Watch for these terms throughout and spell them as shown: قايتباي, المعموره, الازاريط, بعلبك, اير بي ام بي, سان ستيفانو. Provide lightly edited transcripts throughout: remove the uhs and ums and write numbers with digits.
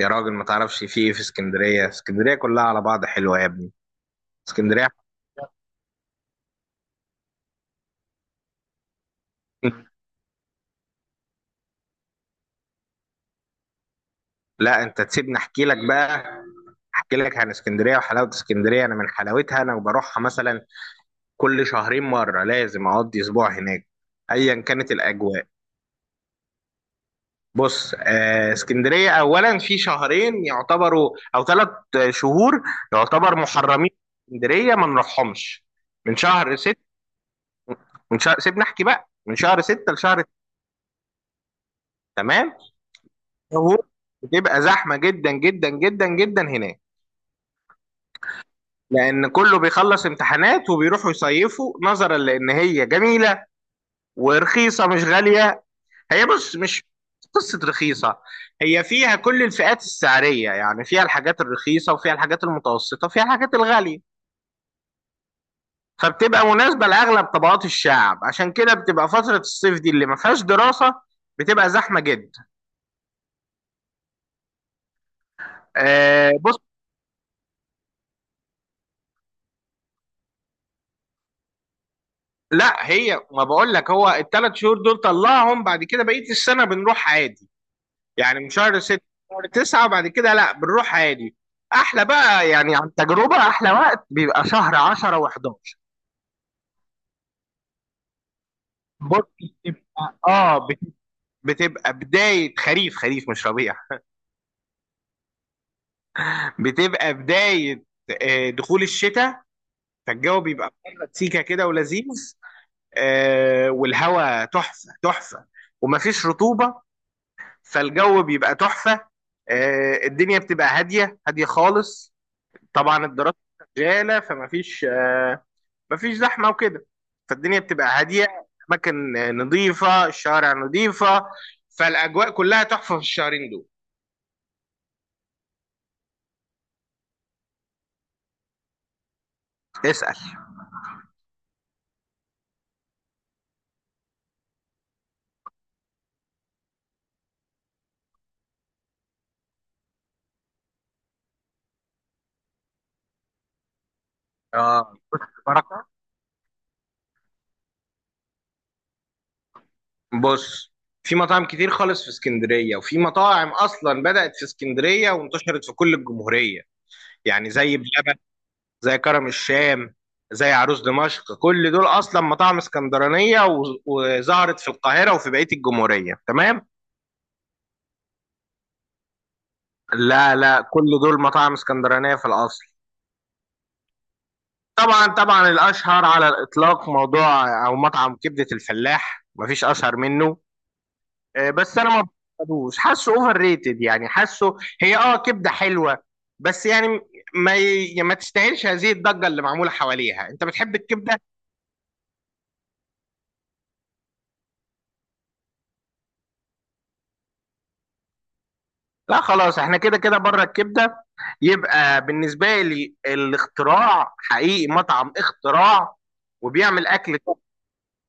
يا راجل، ما تعرفش في ايه في اسكندريه؟ اسكندريه كلها على بعض حلوه يا ابني. اسكندريه. لا، انت تسيبني احكي لك بقى. احكي لك عن اسكندريه وحلاوه اسكندريه. انا من حلاوتها انا وبروحها مثلا كل شهرين مره لازم اقضي اسبوع هناك، ايا كانت الاجواء. بص، اسكندريه اولا في شهرين يعتبروا او ثلاث شهور يعتبر محرمين. اسكندريه ما نروحهمش من شهر ستة. من شهر سيبني احكي بقى، من شهر ستة لشهر. تمام. هو، بتبقى زحمة جدا جدا جدا جدا هناك. لأن كله بيخلص امتحانات وبيروحوا يصيفوا، نظرا لأن هي جميلة ورخيصة، مش غالية. هي بص، مش قصة رخيصة. هي فيها كل الفئات السعرية، يعني فيها الحاجات الرخيصة وفيها الحاجات المتوسطة وفيها الحاجات الغالية. فبتبقى مناسبة لأغلب طبقات الشعب. عشان كده بتبقى فترة الصيف دي اللي ما فيهاش دراسة بتبقى زحمة جدا. آه، لا، هي ما بقول لك، هو الثلاث شهور دول طلعهم. بعد كده بقيه السنه بنروح عادي. يعني من شهر 6 شهر 9، بعد كده لا، بنروح عادي. احلى بقى، يعني عن تجربه احلى وقت بيبقى شهر 10 و11. بص، بتبقى بتبقى بدايه خريف، خريف مش ربيع. بتبقى بدايه دخول الشتاء. فالجو بيبقى بره سيكه كده ولذيذ. والهواء تحفه تحفه ومفيش رطوبه. فالجو بيبقى تحفة. الدنيا بتبقى هادية هادية خالص. طبعا الدراسة شغالة، فمفيش آه، مفيش زحمة وكده. فالدنيا بتبقى هادية. أماكن نظيفة، الشوارع نظيفة، فالأجواء كلها تحفة في الشهرين دول. اسأل. اه، بركة. بص، في مطاعم كتير خالص في اسكندرية، وفي مطاعم أصلا بدأت في اسكندرية وانتشرت في كل الجمهورية. يعني زي بلبن، زي كرم الشام، زي عروس دمشق، كل دول اصلا مطاعم اسكندرانيه وظهرت في القاهره وفي بقيه الجمهوريه. تمام. لا، لا، كل دول مطاعم اسكندرانيه في الاصل. طبعا طبعا، الاشهر على الاطلاق موضوع او مطعم كبده الفلاح، مفيش اشهر منه. بس انا ما بحبوش، حاسه اوفر ريتد، يعني حاسه هي كبده حلوه بس، يعني ما تستاهلش هذه الضجه اللي معموله حواليها. انت بتحب الكبده؟ لا، خلاص، احنا كده كده بره الكبده. يبقى بالنسبه لي الاختراع، حقيقي مطعم اختراع، وبيعمل اكل top.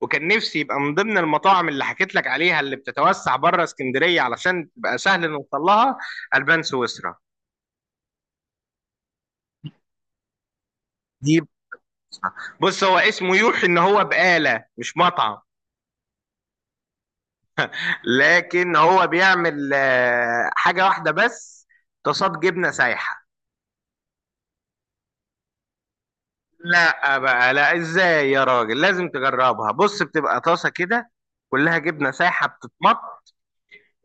وكان نفسي يبقى من ضمن المطاعم اللي حكيت لك عليها اللي بتتوسع بره اسكندريه علشان تبقى سهل نوصل لها. البان سويسرا. دي، بص، هو اسمه يوحي ان هو بقاله، مش مطعم. لكن هو بيعمل حاجه واحده بس، طاسات جبنه سايحه. لا بقى، لا، ازاي؟ يا راجل لازم تجربها. بص، بتبقى طاسه كده، كلها جبنه سايحه بتتمط.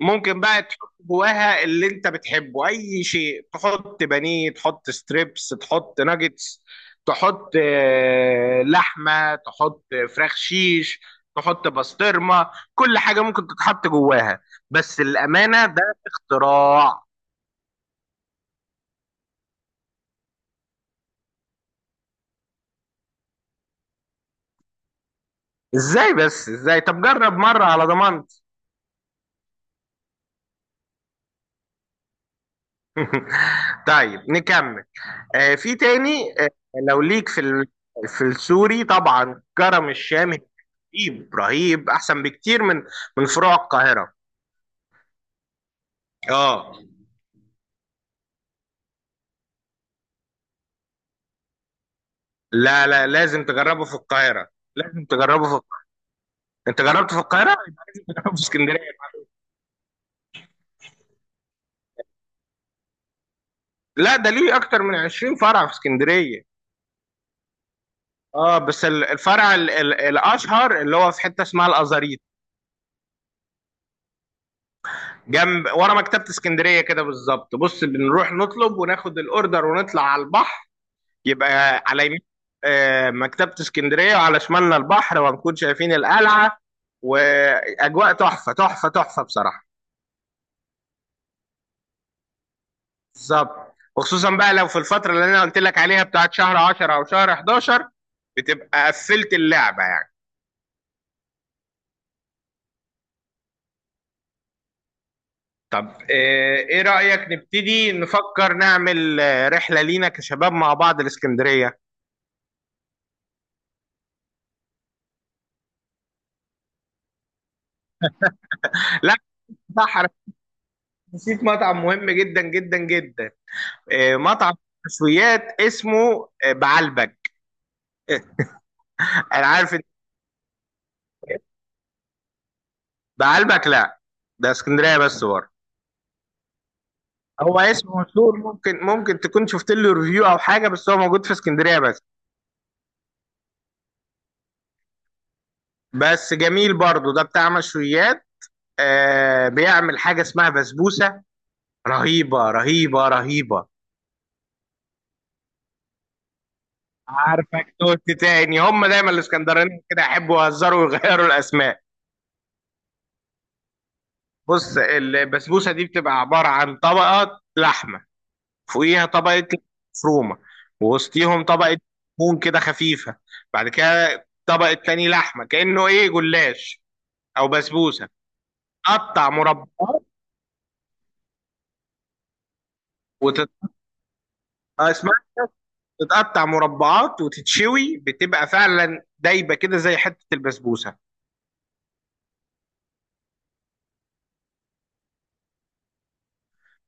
ممكن بقى تحط جواها اللي انت بتحبه، اي شيء. تحط بانيه، تحط ستريبس، تحط ناجتس، تحط لحمه، تحط فراخ شيش، تحط بسطرمه، كل حاجه ممكن تتحط جواها. بس الامانه، ده اختراع. ازاي؟ بس ازاي؟ طب جرب مره على ضمانتي. طيب، نكمل. في تاني. لو ليك في السوري، طبعا كرم الشام رهيب رهيب، احسن بكتير من فروع القاهره. اه، لا، لا، لازم تجربه في القاهره، لازم تجربه في القاهرة. انت جربته في القاهره؟ جربته في اسكندريه. لا، ده ليه اكتر من 20 فرع في اسكندريه. اه، بس الفرع ال ال الاشهر اللي هو في حته اسمها الازاريط. جنب ورا مكتبه اسكندريه كده بالظبط. بص، بنروح نطلب وناخد الاوردر ونطلع على البحر. يبقى على يمين مكتبة اسكندرية، وعلى شمالنا البحر، وهنكون شايفين القلعة، وأجواء تحفة تحفة تحفة بصراحة. بالظبط، وخصوصا بقى لو في الفترة اللي أنا قلت لك عليها بتاعت شهر 10 أو شهر 11، بتبقى قفلت اللعبة يعني. طب، إيه رأيك نبتدي نفكر نعمل رحلة لينا كشباب مع بعض الإسكندرية؟ لا، صح، أنا نسيت مطعم مهم جدا جدا جدا. مطعم مشويات اسمه بعلبك. انا عارف. بعلبك لا، ده اسكندريه بس، بره. هو اسمه مشهور، ممكن تكون شفت له ريفيو او حاجه، بس هو موجود في اسكندريه بس. بس جميل برضو ده، بتاع مشويات. بيعمل حاجه اسمها بسبوسه، رهيبه رهيبه رهيبه. عارفك توت تاني، هم دايما الاسكندرانيين كده يحبوا يهزروا ويغيروا الاسماء. بص، البسبوسه دي بتبقى عباره عن طبقات لحمه، فوقيها طبقة مفرومة، ووسطيهم طبقة دهون كده خفيفة، بعد كده طبقة تاني لحمة، كأنه ايه جلاش او بسبوسة، تقطع مربعات وتت... اسمها إيه؟ تتقطع مربعات وتتشوي، بتبقى فعلا دايبة كده زي حتة البسبوسة.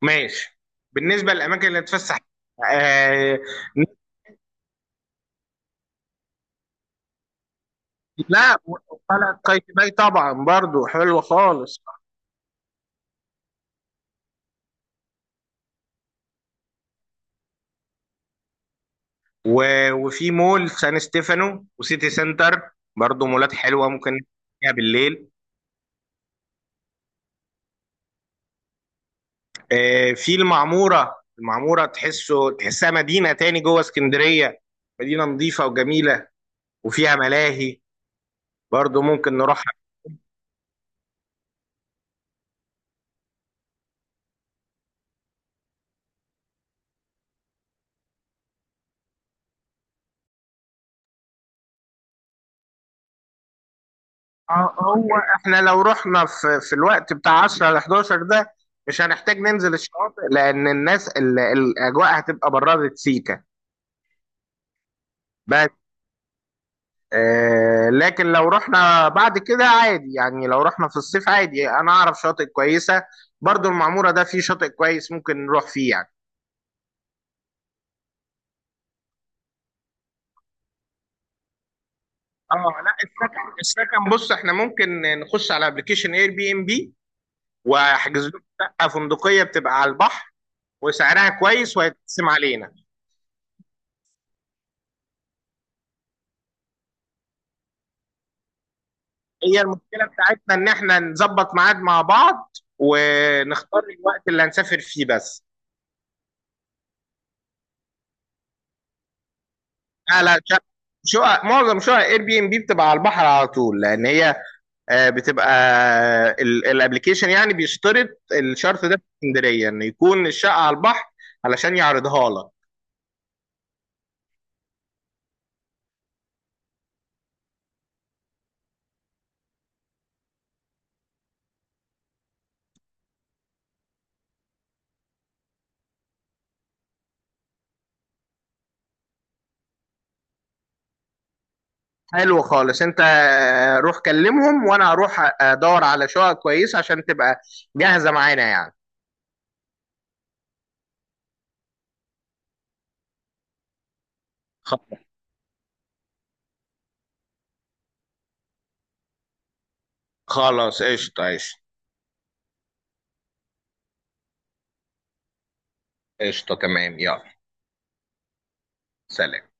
ماشي. بالنسبة للأماكن اللي تفسح آه... لا، وطلعت قايتباي طبعا، برضو حلوة خالص. وفي مول سان ستيفانو وسيتي سنتر برضه، مولات حلوه ممكن فيها بالليل. في المعموره. المعموره تحسها مدينه تاني جوه اسكندريه. مدينه نظيفه وجميله، وفيها ملاهي، برضه ممكن نروحها. هو احنا لو رحنا في الوقت بتاع 10 ل 11 ده، مش هنحتاج ننزل الشواطئ، لان الاجواء هتبقى برادة سيكا. بس، لكن لو رحنا بعد كده عادي، يعني لو رحنا في الصيف عادي، انا اعرف شاطئ كويسة. برضو المعمورة ده فيه شاطئ كويس ممكن نروح فيه يعني. اه، لا، السكن السكن، بص احنا ممكن نخش على ابلكيشن اير بي ام بي. واحجز لكم شقة فندقية بتبقى على البحر، وسعرها كويس وهيتقسم علينا. هي المشكلة بتاعتنا ان احنا نظبط ميعاد مع بعض ونختار الوقت اللي هنسافر فيه بس. لا، لا، شقق معظم شقق اير بي ام بي بتبقى على البحر على طول، لان هي بتبقى الابلكيشن يعني بيشترط الشرط ده في اسكندريه ان يكون الشقه على البحر. علشان يعرضها لك. حلو خالص، انت روح كلمهم، وانا هروح ادور على شقق كويسه عشان تبقى جاهزه معانا يعني. خ- خلاص، قشطه، قشطه، قشطه، تمام، يلا، سلام.